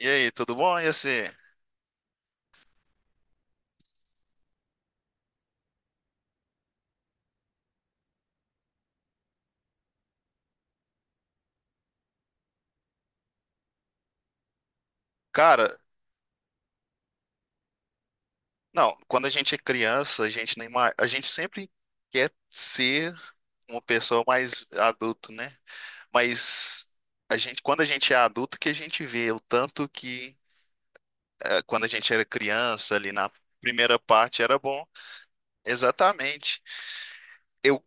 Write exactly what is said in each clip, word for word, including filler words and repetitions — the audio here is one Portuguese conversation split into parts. E aí, tudo bom? E assim, cara, não, quando a gente é criança, a gente nem mais, a gente sempre quer ser uma pessoa mais adulto, né? Mas a gente, quando a gente é adulto, que a gente vê o tanto que eh, quando a gente era criança, ali na primeira parte era bom. Exatamente. Eu,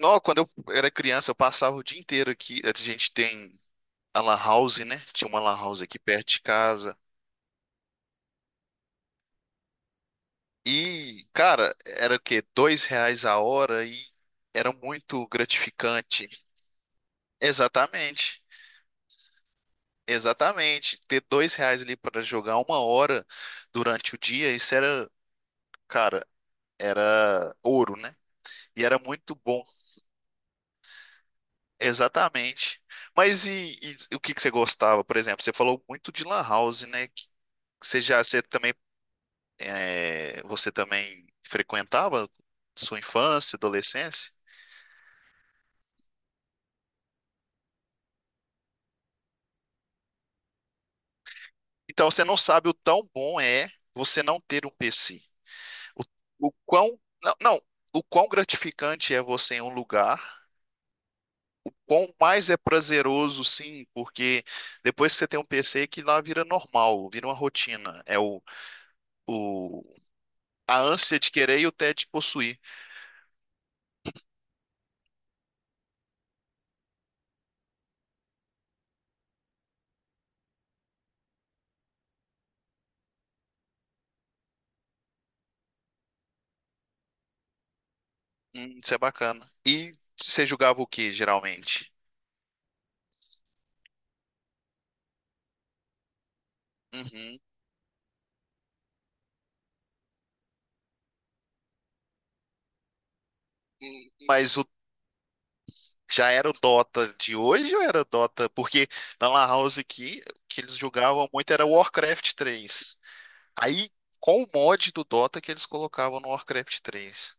não, quando eu era criança, eu passava o dia inteiro aqui. A gente tem a lan house, né? Tinha uma lan house aqui perto de casa. E, cara, era o quê? Dois reais a hora e era muito gratificante. Exatamente, exatamente. Ter dois reais ali para jogar uma hora durante o dia, isso era, cara, era ouro, né? E era muito bom, exatamente. Mas e, e o que que você gostava, por exemplo? Você falou muito de lan house, né? Que Você já, você também, é, Você também frequentava sua infância, adolescência? Então você não sabe o tão bom é você não ter um P C. O, o quão, não, não, o quão gratificante é você em um lugar, o quão mais é prazeroso, sim, porque depois que você tem um P C que lá vira normal, vira uma rotina. É o, o a ânsia de querer e o tédio de possuir. Hum, isso é bacana. E você jogava o que geralmente? Uhum. Mas já era o Dota de hoje ou era o Dota? Porque na Lan House aqui, o que eles jogavam muito era Warcraft três. Aí, qual o mod do Dota que eles colocavam no Warcraft três?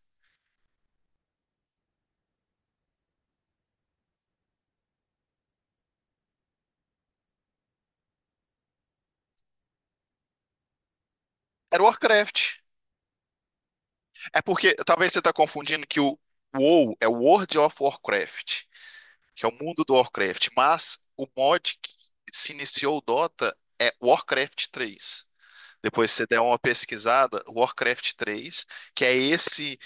Era o Warcraft. É porque talvez você tá confundindo que o WoW é o World of Warcraft, que é o mundo do Warcraft, mas o mod que se iniciou o Dota é Warcraft três. Depois você der uma pesquisada, Warcraft três, que é esse.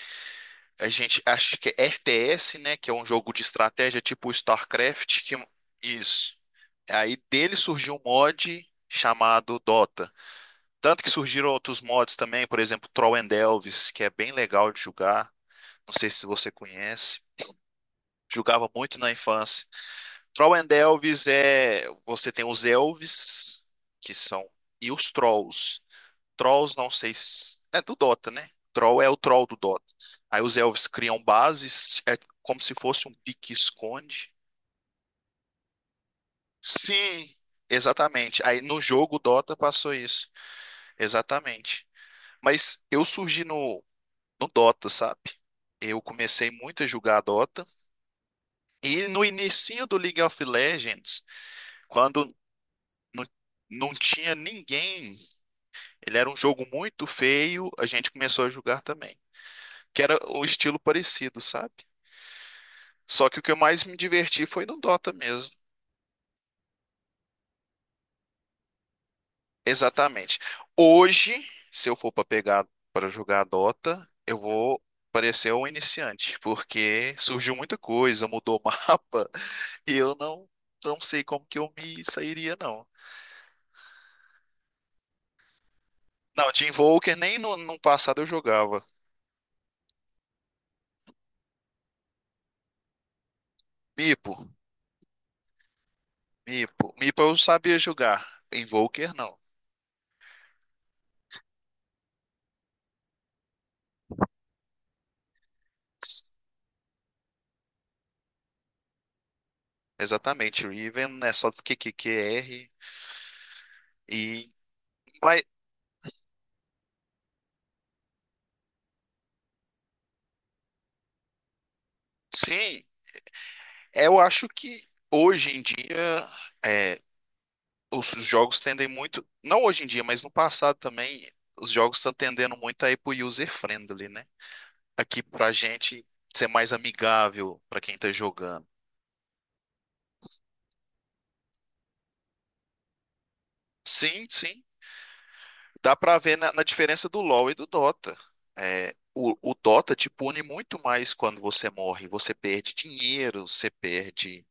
A gente acho que é R T S, né? Que é um jogo de estratégia tipo StarCraft. Que... Isso. Aí dele surgiu um mod chamado Dota. Tanto que surgiram outros mods também, por exemplo, Troll and Elves, que é bem legal de jogar. Não sei se você conhece. Jogava muito na infância. Troll and Elves é. Você tem os elves, que são. E os trolls. Trolls, não sei se. É do Dota, né? Troll é o troll do Dota. Aí os elfos criam bases, é como se fosse um pique-esconde. Sim, exatamente. Aí no jogo Dota passou isso. Exatamente. Mas eu surgi no, no Dota, sabe? Eu comecei muito a jogar Dota. E no inicinho do League of Legends, quando não, não tinha ninguém, ele era um jogo muito feio, a gente começou a jogar também. Que era o estilo parecido, sabe? Só que o que eu mais me diverti foi no Dota mesmo. Exatamente. Hoje, se eu for para pegar para jogar Dota, eu vou parecer um iniciante, porque surgiu muita coisa, mudou o mapa, e eu não não sei como que eu me sairia não. Não, Team Volker nem no, no passado eu jogava. Mipo, Mipo, Mipo eu sabia jogar. Invoker não. Exatamente, Riven é só Q Q Q R e mas sim, É, eu acho que hoje em dia é, os os jogos tendem muito, não hoje em dia, mas no passado também, os jogos estão tendendo muito a ir pro user friendly, né? Aqui pra gente ser mais amigável pra quem tá jogando. Sim, sim. Dá pra ver na, na diferença do LoL e do Dota. É, o, o Dota te pune muito mais quando você morre. Você perde dinheiro, você perde.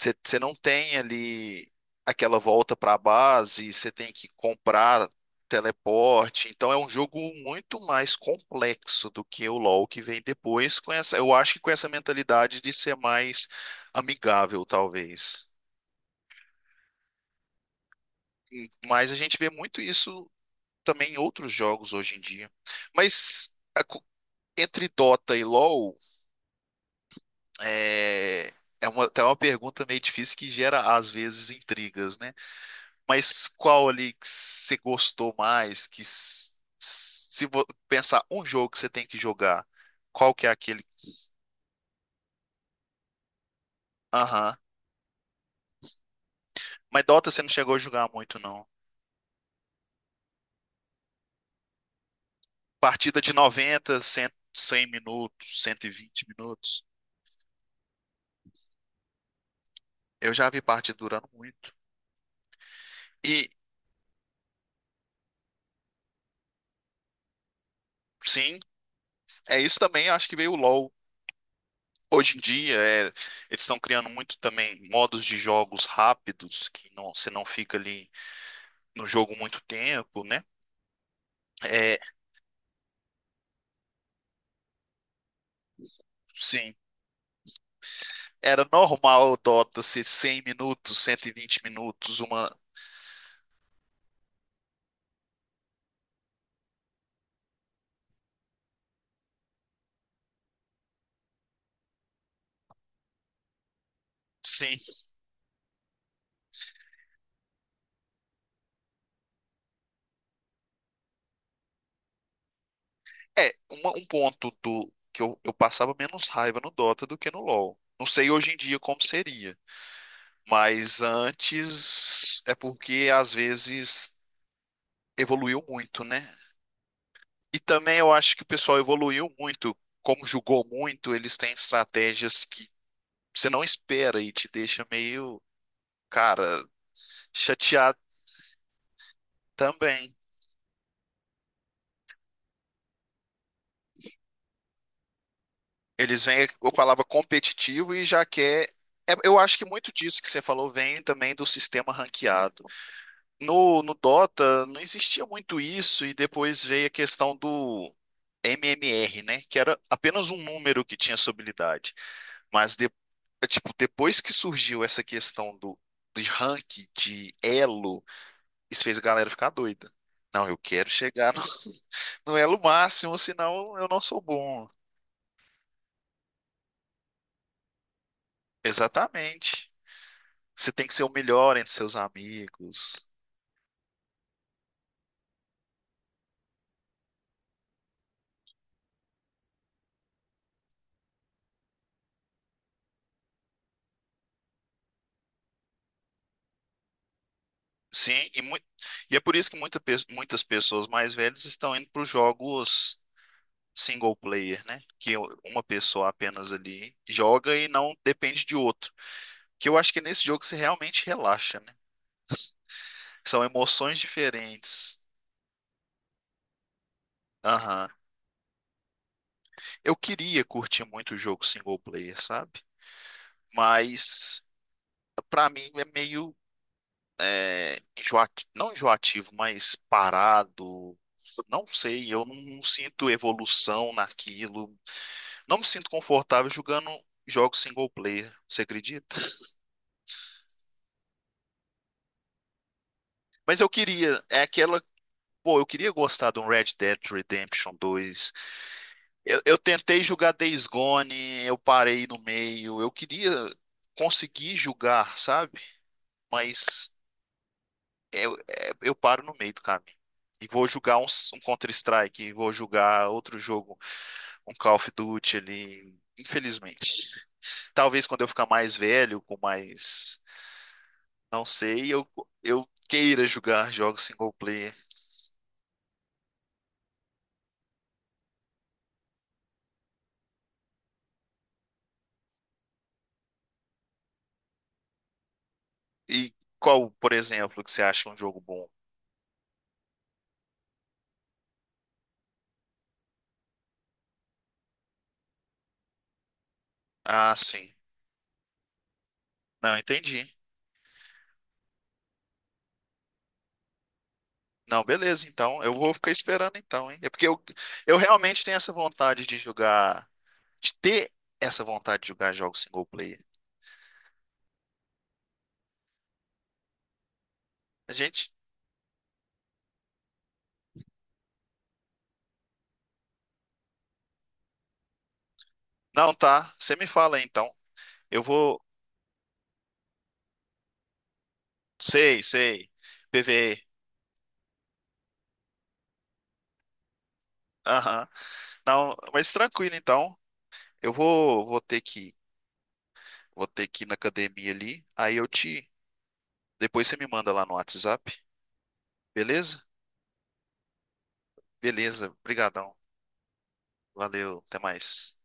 Você você não tem ali aquela volta para a base, você tem que comprar teleporte. Então é um jogo muito mais complexo do que o LoL que vem depois com essa, eu acho que com essa mentalidade de ser mais amigável, talvez. E- Mas a gente vê muito isso também em outros jogos hoje em dia. Mas a co- entre Dota e LoL, é, é uma, até uma pergunta meio difícil que gera às vezes intrigas, né? Mas qual ali que você gostou mais? Que s- se vo- pensar um jogo que você tem que jogar, qual que é aquele? Aham. Mas Dota você não chegou a jogar muito, não. Partida de noventa, cem, cem minutos, cento e vinte minutos. Eu já vi partida durando muito. E sim, é isso também. Acho que veio o LoL. Hoje em dia, é, eles estão criando muito também modos de jogos rápidos, que não, você não fica ali no jogo muito tempo, né? É, sim. Era normal o Dota ser cem minutos, cento e vinte minutos, uma. Sim. É, uma- um ponto do que eu, eu passava menos raiva no Dota do que no LoL. Não sei hoje em dia como seria, mas antes é porque às vezes evoluiu muito, né? E também eu acho que o pessoal evoluiu muito. Como jogou muito, eles têm estratégias que você não espera e te deixa meio, cara, chateado também. Eles vêm com a palavra competitivo e já quer. é- Eu acho que muito disso que você falou vem também do sistema ranqueado. No, no Dota não existia muito isso, e depois veio a questão do M M R, né? Que era apenas um número que tinha sua habilidade. Mas de- é, tipo, depois que surgiu essa questão do de rank, de elo, isso fez a galera ficar doida. Não, eu quero chegar no, no elo máximo, senão eu não sou bom. Exatamente. Você tem que ser o melhor entre seus amigos. Sim, e, mui- e é por isso que muita pe- muitas pessoas mais velhas estão indo para os jogos single player, né? Que o- uma pessoa apenas ali joga e não depende de outro. Que eu acho que nesse jogo você realmente relaxa, né? São emoções diferentes. Aham. Eu queria curtir muito o jogo single player, sabe? Mas pra mim é meio enjoati- não enjoativo, mas parado. Não sei, eu não sinto evolução naquilo. Não me sinto confortável jogando jogos single player, você acredita? Mas eu queria, é aquela, pô, eu queria gostar de um Red Dead Redemption dois. Eu, eu tentei jogar Days Gone, eu parei no meio. Eu queria conseguir jogar, sabe? Mas eu, é- eu paro no meio do caminho. E vou jogar um, um Counter-Strike, e vou jogar outro jogo um Call of Duty ali, infelizmente. Talvez quando eu ficar mais velho, com mais, não sei, eu, eu queira jogar jogos single player. E qual, por exemplo, que você acha um jogo bom? Ah, sim. Não, entendi. Não, beleza, então eu vou ficar esperando então, hein? É porque eu, eu realmente tenho essa vontade de jogar, de ter essa vontade de jogar jogos single player. A gente, não tá, você me fala aí, então. Eu vou, sei, sei. PvE. Aham. Não, mas tranquilo então. Eu vou, vou ter que, vou ter que ir na academia ali. Aí eu te, depois você me manda lá no WhatsApp, beleza? Beleza, brigadão. Valeu, até mais.